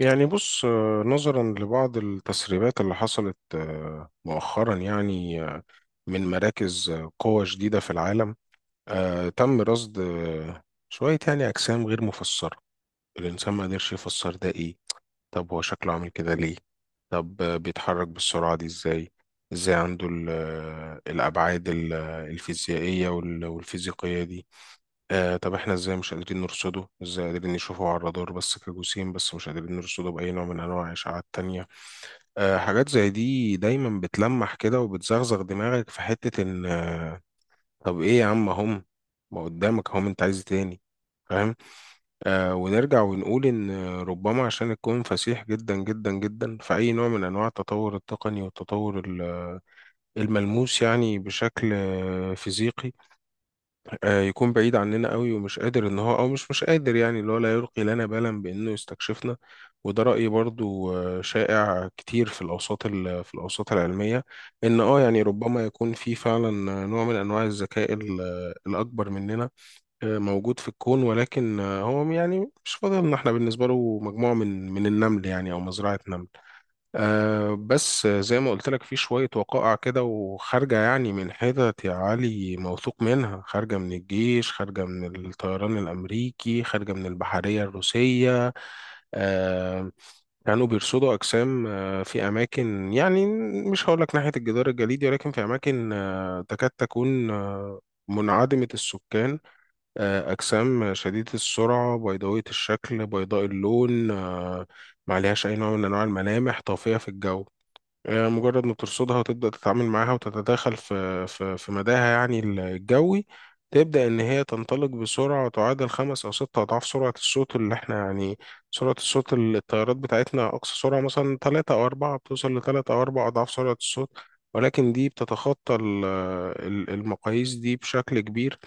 يعني بص، نظرا لبعض التسريبات اللي حصلت مؤخرا يعني، من مراكز قوة جديدة في العالم. تم رصد شوية يعني أجسام غير مفسرة. الإنسان ما قدرش يفسر ده، إيه؟ طب هو شكله عامل كده ليه؟ طب بيتحرك بالسرعة دي إزاي؟ إزاي عنده الأبعاد الفيزيائية والفيزيقية دي؟ طب احنا ازاي مش قادرين نرصده؟ ازاي قادرين نشوفه على الرادار بس كجسيم، بس مش قادرين نرصده بأي نوع من انواع الاشعاعات التانية؟ حاجات زي دي دايما بتلمح كده وبتزغزغ دماغك في حتة ان، طب ايه يا عم؟ هم ما قدامك، هم انت عايز إيه تاني؟ فاهم؟ ونرجع ونقول ان ربما عشان الكون فسيح جدا جدا جدا، فأي نوع من انواع التطور التقني والتطور الملموس، يعني بشكل فيزيقي، يكون بعيد عننا قوي، ومش قادر ان هو، او مش قادر، يعني اللي هو لا يلقي لنا بالا بانه يستكشفنا. وده رأي برضو شائع كتير في الاوساط العلمية، ان يعني ربما يكون في فعلا نوع من انواع الذكاء الاكبر مننا، موجود في الكون، ولكن هو يعني مش فاضل ان احنا بالنسبة له مجموعة من النمل، يعني او مزرعة نمل. بس زي ما قلت لك، في شوية وقائع كده، وخارجة يعني من حتت يا علي موثوق منها، خارجة من الجيش، خارجة من الطيران الأمريكي، خارجة من البحرية الروسية. أه كانوا بيرصدوا أجسام في أماكن، يعني مش هقول لك ناحية الجدار الجليدي، ولكن في أماكن تكاد تكون منعدمة السكان. أجسام شديدة السرعة، بيضاوية الشكل، بيضاء اللون، ما عليهاش أي نوع من أنواع الملامح، طافية في الجو. مجرد ما ترصدها وتبدأ تتعامل معاها وتتداخل في مداها، يعني الجوي، تبدأ إن هي تنطلق بسرعة تعادل 5 أو 6 أضعاف سرعة الصوت، اللي إحنا يعني، سرعة الصوت، الطيارات بتاعتنا أقصى سرعة، مثلا تلاتة أو أربعة بتوصل ل3 أو 4 أضعاف سرعة الصوت. ولكن دي بتتخطى المقاييس دي بشكل كبير.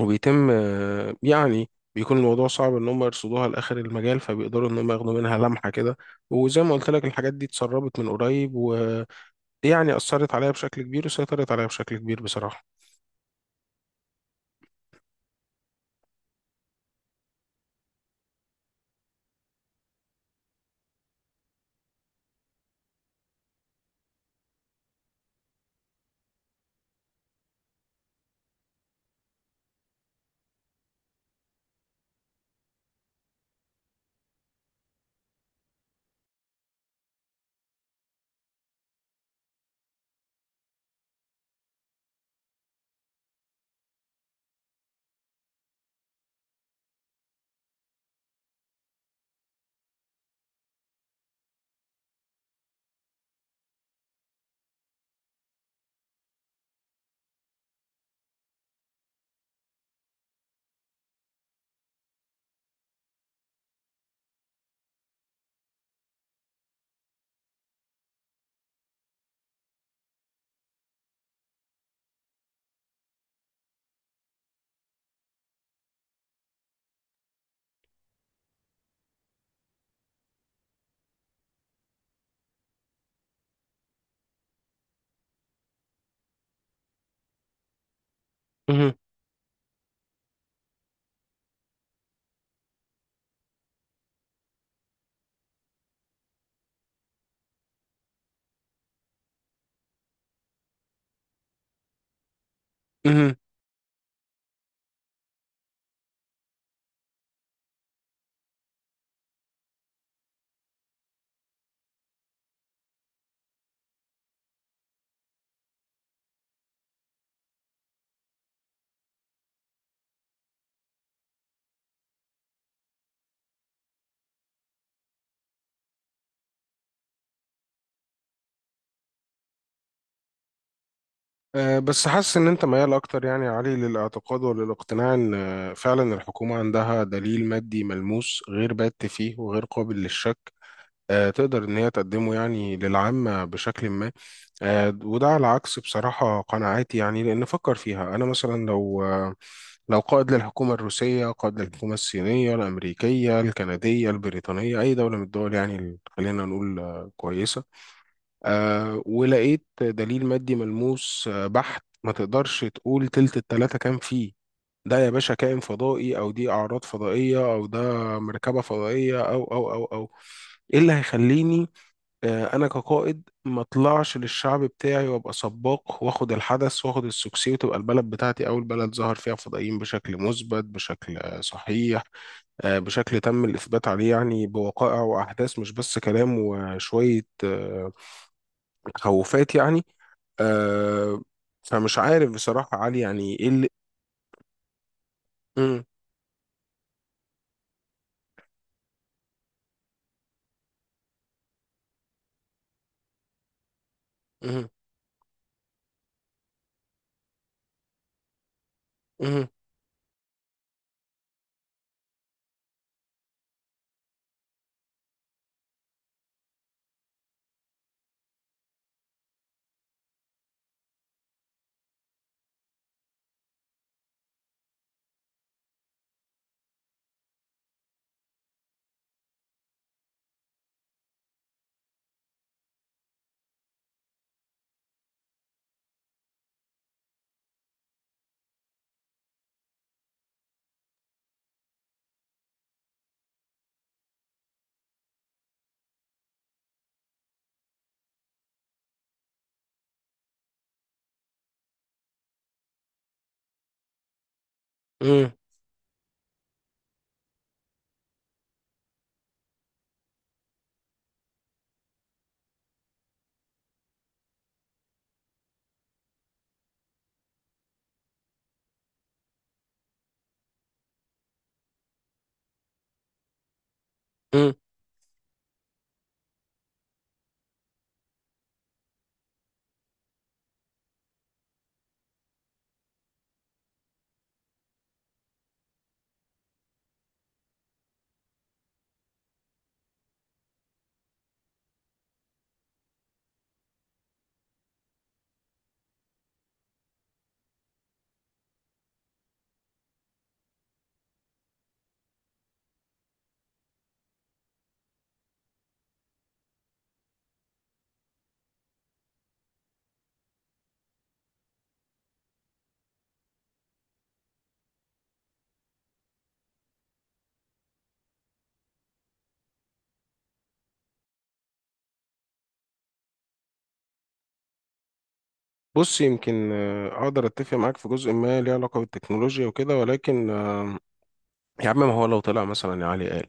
وبيتم، يعني، بيكون الموضوع صعب إن هم يرصدوها لآخر المجال، فبيقدروا إن هم ياخدوا منها لمحة كده. وزي ما قلت لك، الحاجات دي اتسربت من قريب، يعني أثرت عليا بشكل كبير وسيطرت عليا بشكل كبير بصراحة. مهم. مهم. بس حاسس إن أنت ميال أكتر يعني يا علي للاعتقاد وللاقتناع إن فعلا الحكومة عندها دليل مادي ملموس غير بات فيه وغير قابل للشك، تقدر إن هي تقدمه يعني للعامة بشكل ما. وده على عكس بصراحة قناعاتي، يعني لأن فكر فيها، أنا مثلا لو قائد للحكومة الروسية، قائد للحكومة الصينية، الأمريكية، الكندية، البريطانية، أي دولة من الدول يعني، خلينا نقول كويسة، ولقيت دليل مادي ملموس بحت، ما تقدرش تقول تلت التلاتة، كان فيه ده يا باشا كائن فضائي، أو دي أعراض فضائية، أو ده مركبة فضائية. أو أو أو أو إيه اللي هيخليني، انا كقائد، ما اطلعش للشعب بتاعي وابقى سباق، واخد الحدث، واخد السكسي، وتبقى البلد بتاعتي اول بلد ظهر فيها فضائيين بشكل مثبت، بشكل صحيح، بشكل تم الاثبات عليه يعني بوقائع واحداث، مش بس كلام وشويه تخوفات يعني. آه، فمش عارف بصراحه علي، يعني ايه اللي. مم، مم، مم، مم، مم. بص، يمكن اقدر اتفق معاك في جزء ما ليه علاقه بالتكنولوجيا وكده، ولكن، يا عم، ما هو لو طلع مثلا يا علي، قال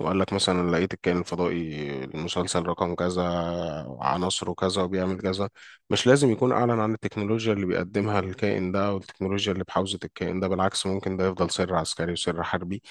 وقال لك مثلا لقيت الكائن الفضائي المسلسل رقم كذا، عناصره كذا، وبيعمل كذا. مش لازم يكون أعلن عن التكنولوجيا اللي بيقدمها الكائن ده والتكنولوجيا اللي بحوزة الكائن ده. بالعكس، ممكن ده يفضل سر عسكري وسر حربي.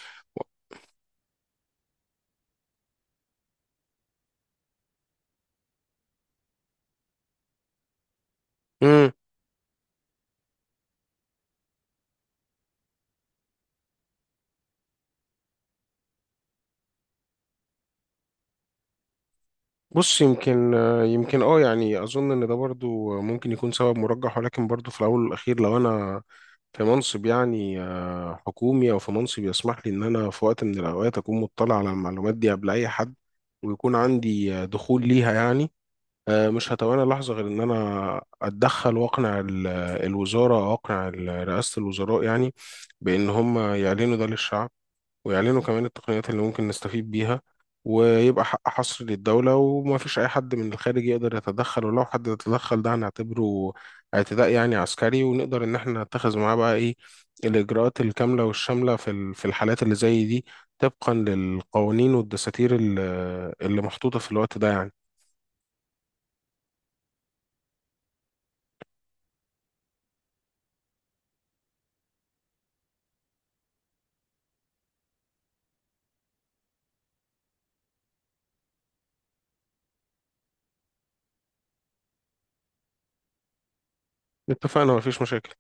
بص، يمكن يعني اظن ان ده برضو ممكن يكون سبب مرجح، ولكن برضو في الاول والاخير، لو انا في منصب يعني حكومي، او في منصب يسمح لي ان انا في وقت من الاوقات اكون مطلع على المعلومات دي قبل اي حد، ويكون عندي دخول ليها يعني، مش هتوانى لحظة غير ان انا اتدخل واقنع الوزارة، او اقنع رئاسة الوزراء يعني، بان هم يعلنوا ده للشعب، ويعلنوا كمان التقنيات اللي ممكن نستفيد بيها، ويبقى حق حصر للدولة، وما فيش أي حد من الخارج يقدر يتدخل، ولو حد تدخل ده هنعتبره اعتداء يعني عسكري، ونقدر إن احنا نتخذ معاه بقى إيه الإجراءات الكاملة والشاملة في الحالات اللي زي دي، طبقا للقوانين والدساتير اللي محطوطة في الوقت ده يعني. اتفقنا، مفيش مشاكل.